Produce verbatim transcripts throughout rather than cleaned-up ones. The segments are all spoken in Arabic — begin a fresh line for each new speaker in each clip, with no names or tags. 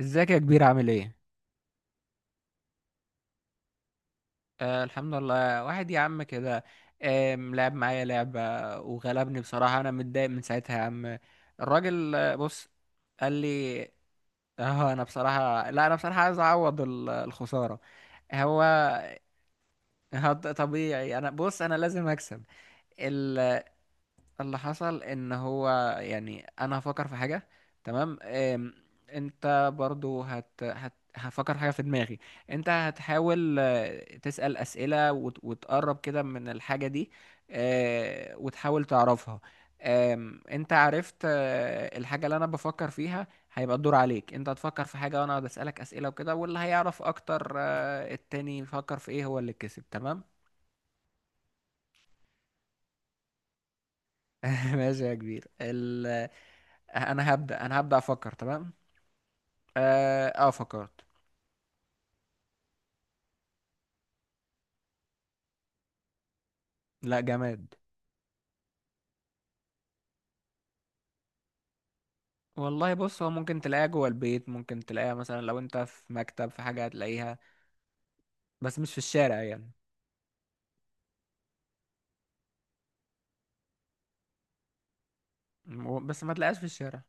ازيك يا كبير؟ عامل ايه؟ آه، الحمد لله. واحد يا عم كده آه لعب معايا لعبة وغلبني بصراحة. انا متضايق من ساعتها يا عم. الراجل آه، بص، قال لي، اه انا بصراحة، لا، انا بصراحة عايز اعوض ال- الخسارة. هو هو طبيعي. انا بص، انا لازم اكسب. اللي حصل ان هو، يعني انا هفكر في حاجه، تمام؟ أم، انت برضو هت... هت... هفكر حاجه في دماغي، انت هتحاول آه، تسال اسئله وت... وتقرب كده من الحاجه دي آه، وتحاول تعرفها. أم، انت عرفت آه، الحاجه اللي انا بفكر فيها، هيبقى الدور عليك، انت هتفكر في حاجه وانا اقعد اسالك اسئله وكده، واللي هيعرف اكتر آه، التاني يفكر في ايه هو اللي كسب، تمام. ماشي يا كبير ال... انا هبدأ انا هبدأ افكر، تمام. اه, آه فكرت. لا، جماد. والله بص، هو ممكن تلاقيها جوه البيت، ممكن تلاقيها مثلا لو انت في مكتب في حاجة هتلاقيها، بس مش في الشارع يعني. و- بس ما تلاقيهاش في الشارع.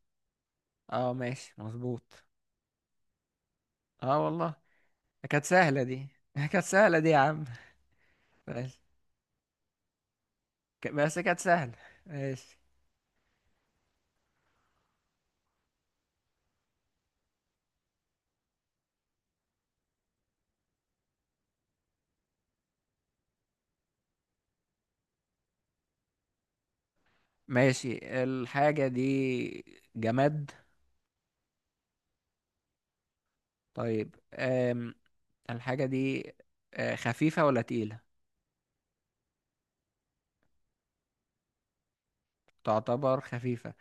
اه، ماشي مظبوط. اه والله، كانت سهلة دي. كانت سهلة دي يا عم. ماشي. ك- بس كانت سهلة. ماشي. ماشي. الحاجة دي جماد. طيب آم. الحاجة دي آه، خفيفة ولا تقيلة؟ تعتبر خفيفة.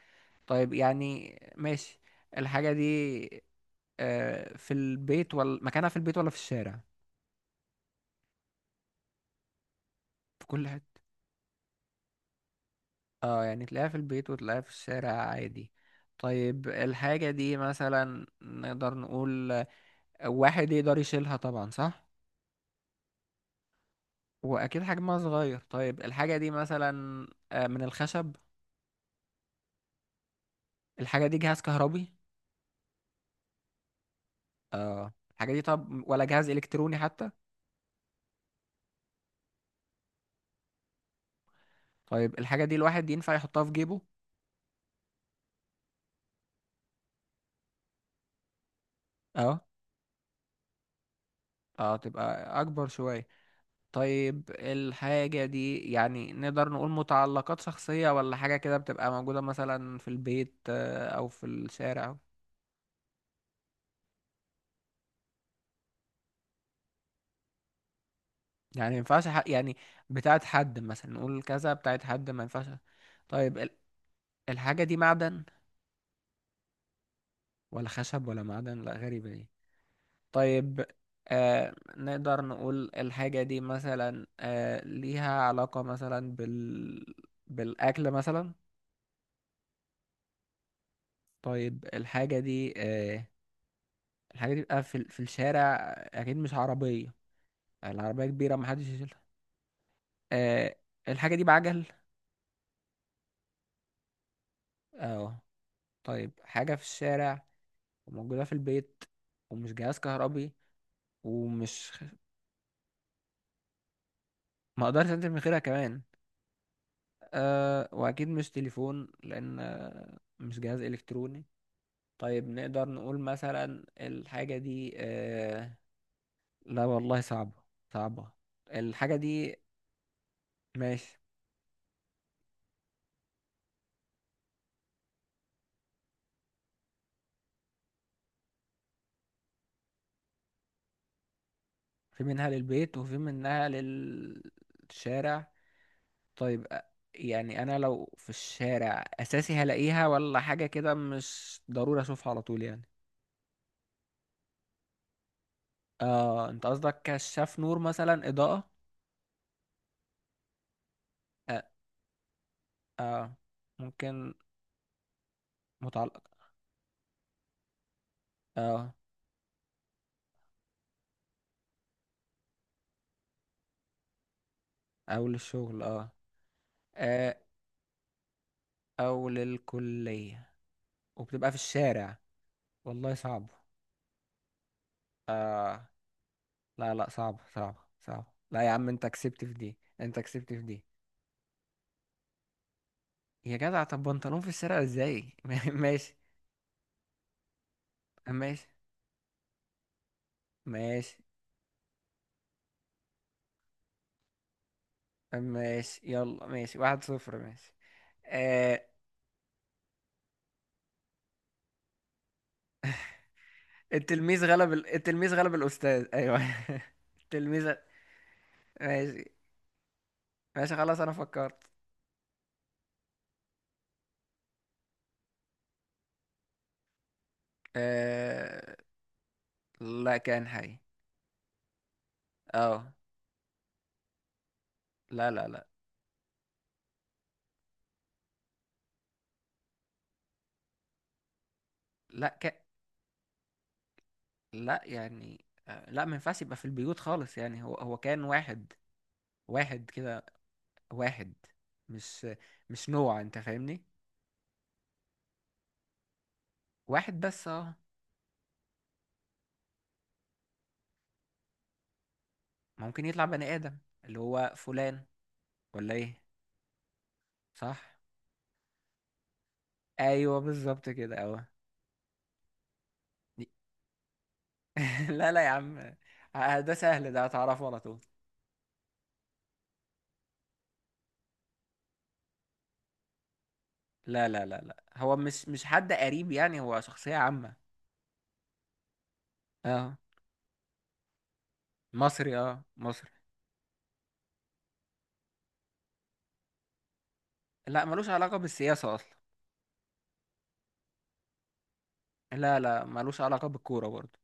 طيب يعني ماشي. الحاجة دي آه، في البيت ولا مكانها في البيت ولا في الشارع؟ في كل حتة. اه يعني تلاقيها في البيت وتلاقيها في الشارع عادي. طيب الحاجة دي مثلا نقدر نقول آه، واحد يقدر يشيلها، طبعا صح، وأكيد حجمها صغير. طيب الحاجة دي مثلا آه، من الخشب؟ الحاجة دي جهاز كهربي؟ اه الحاجة دي طب ولا جهاز إلكتروني حتى؟ طيب الحاجة دي الواحد ينفع يحطها في جيبه؟ اه. اه، تبقى أكبر شوية. طيب الحاجة دي يعني نقدر نقول متعلقات شخصية ولا حاجة كده بتبقى موجودة مثلا في البيت آه، أو في الشارع؟ يعني ما ينفعش ح- يعني بتاعت حد، مثلا نقول كذا بتاعت حد ما ينفعش. طيب ال- الحاجة دي معدن ولا خشب؟ ولا معدن؟ لا، غريبة دي. طيب آه، نقدر نقول الحاجة دي مثلا آه، ليها علاقة مثلا بال، بالأكل مثلا؟ طيب الحاجة دي آه، الحاجة دي بقى في ال- في الشارع اكيد مش عربية، العربية كبيرة محدش يشيلها. آه الحاجة دي بعجل؟ اه. طيب حاجة في الشارع وموجودة في البيت ومش جهاز كهربي ومش، ما اقدرش انزل من غيرها كمان. آه واكيد مش تليفون لان آه، مش جهاز الكتروني. طيب نقدر نقول مثلا الحاجة دي آه، لا والله صعبة. صعبة الحاجة دي. ماشي. في منها للبيت وفي منها للشارع. طيب أ- يعني انا لو في الشارع اساسي هلاقيها ولا حاجة كده مش ضروري اشوفها على طول يعني؟ اه انت قصدك كشاف نور مثلا، اضاءة؟ اه, آه. ممكن. متعلق، اه. او للشغل اه, آه. او للكلية وبتبقى في الشارع. والله صعب. آه. لا لا، صعب، صعب، صعب. لا يا عم، انت كسبت في دي، انت كسبت في دي. يا جدع، طب بنطلون في الشارع ازاي؟ ماشي. ماشي. ماشي. ماشي، يلا ماشي، واحد صفر، ماشي. آه. التلميذ غلب ال... التلميذ غلب الأستاذ، أيوه. التلميذ. ماشي. ماشي خلاص، أنا فكرت. آه. لا، كان حي. اه. لا لا لا. لا ك... لا يعني آه، لا ما ينفعش يبقى في البيوت خالص، يعني هو هو كان واحد، واحد كده، واحد، مش مش نوع، انت فاهمني، واحد بس اه. ممكن يطلع بني آدم، اللي هو فلان، ولا ايه؟ صح. ايوه بالظبط كده اهو. لا لا يا عم، آه، ده سهل، ده هتعرفه على طول. لا لا لا لا، هو مش مش حد قريب يعني، هو شخصية عامة. اه، مصري، اه مصري. لا، ملوش علاقة بالسياسة أصلا. لا لا، ملوش علاقة بالكورة برضه.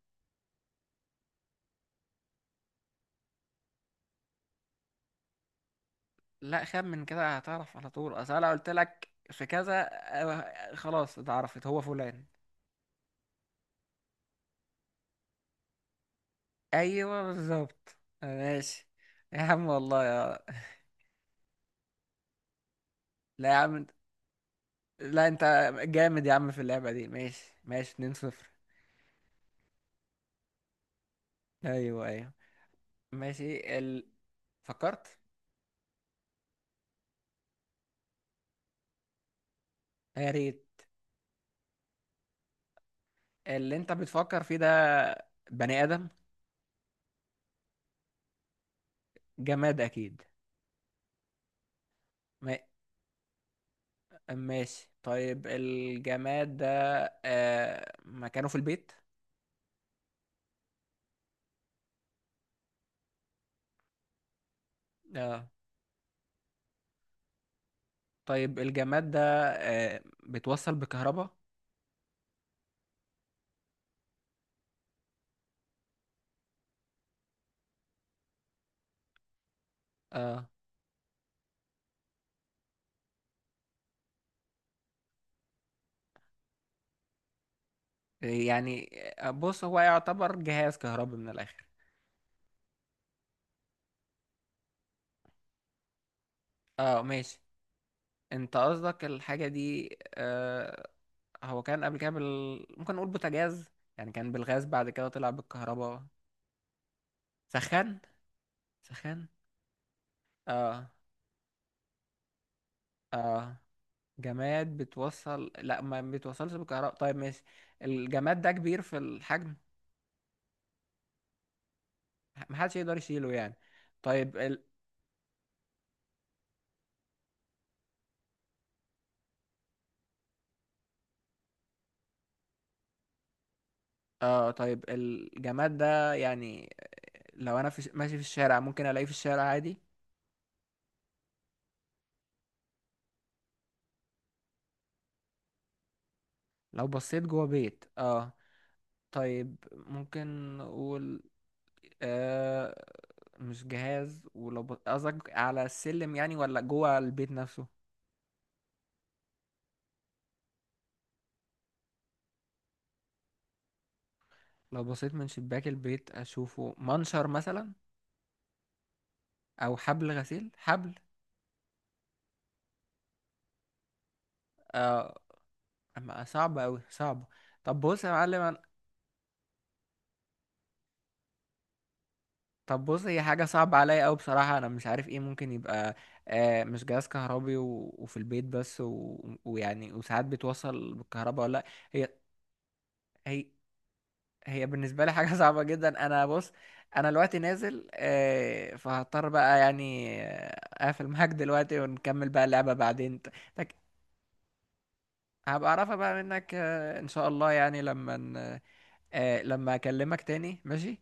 لا، خم من كده هتعرف على طول. أصل أنا قلت لك في كذا آه، خلاص اتعرفت، هو فلان. أيوه بالظبط. ماشي. يا عم والله يا، لا يا عم، لا، انت جامد يا عم في اللعبة دي. ماشي. ماشي، 2 صفر. ايوه، ايوه. ماشي ال... فكرت. يا ريت. اللي انت بتفكر فيه ده بني ادم؟ جماد اكيد. ما... ماشي، طيب الجماد ده آه... مكانه في البيت؟ اه. طيب الجماد ده آه... بتوصل بكهرباء؟ اه يعني آه، بص هو يعتبر جهاز كهربي من الاخر. اه ماشي. انت قصدك الحاجة دي آه... هو كان قبل كده بال... ممكن نقول بوتاجاز، يعني كان بالغاز، بعد كده طلع بالكهرباء، سخان؟ سخان؟ اه. اه. جماد بتوصل، لا ما بتوصلش بالكهرباء. طيب ماشي. الجماد ده كبير في الحجم، محدش يقدر يشيله يعني؟ طيب ال... اه. طيب الجماد ده يعني لو انا في... ش- ماشي في الشارع ممكن الاقيه في الشارع عادي؟ لو بصيت جوه بيت، اه. طيب ممكن نقول آه، مش جهاز، ولو ب- قصدك على السلم يعني ولا جوه البيت نفسه؟ لو بصيت من شباك البيت اشوفه منشر مثلا، او حبل غسيل، حبل. آه، أما صعبة اوي، صعبة. طب بص يا معلم أنا- طب بص، هي حاجة صعبة عليا اوي بصراحة، انا مش عارف ايه ممكن يبقى. آه مش جهاز كهربي و... وفي البيت بس و... ويعني وساعات بتوصل بالكهرباء ولا لأ. هي هي هي بالنسبة لي حاجة صعبة جدا. انا بص، انا دلوقتي نازل، آه، فهضطر بقى يعني آه، اقفل معاك دلوقتي ونكمل بقى اللعبة بعدين. هبقى اعرفها بقى منك آه، ان شاء الله، يعني لما ن- آه، لما اكلمك تاني، ماشي.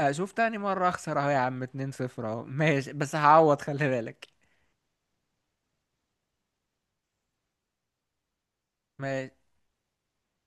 آه، شوف تاني مرة اخسر اهو يا عم، 2 صفر اهو، ماشي، بس هعوض، خلي بالك. ماشي.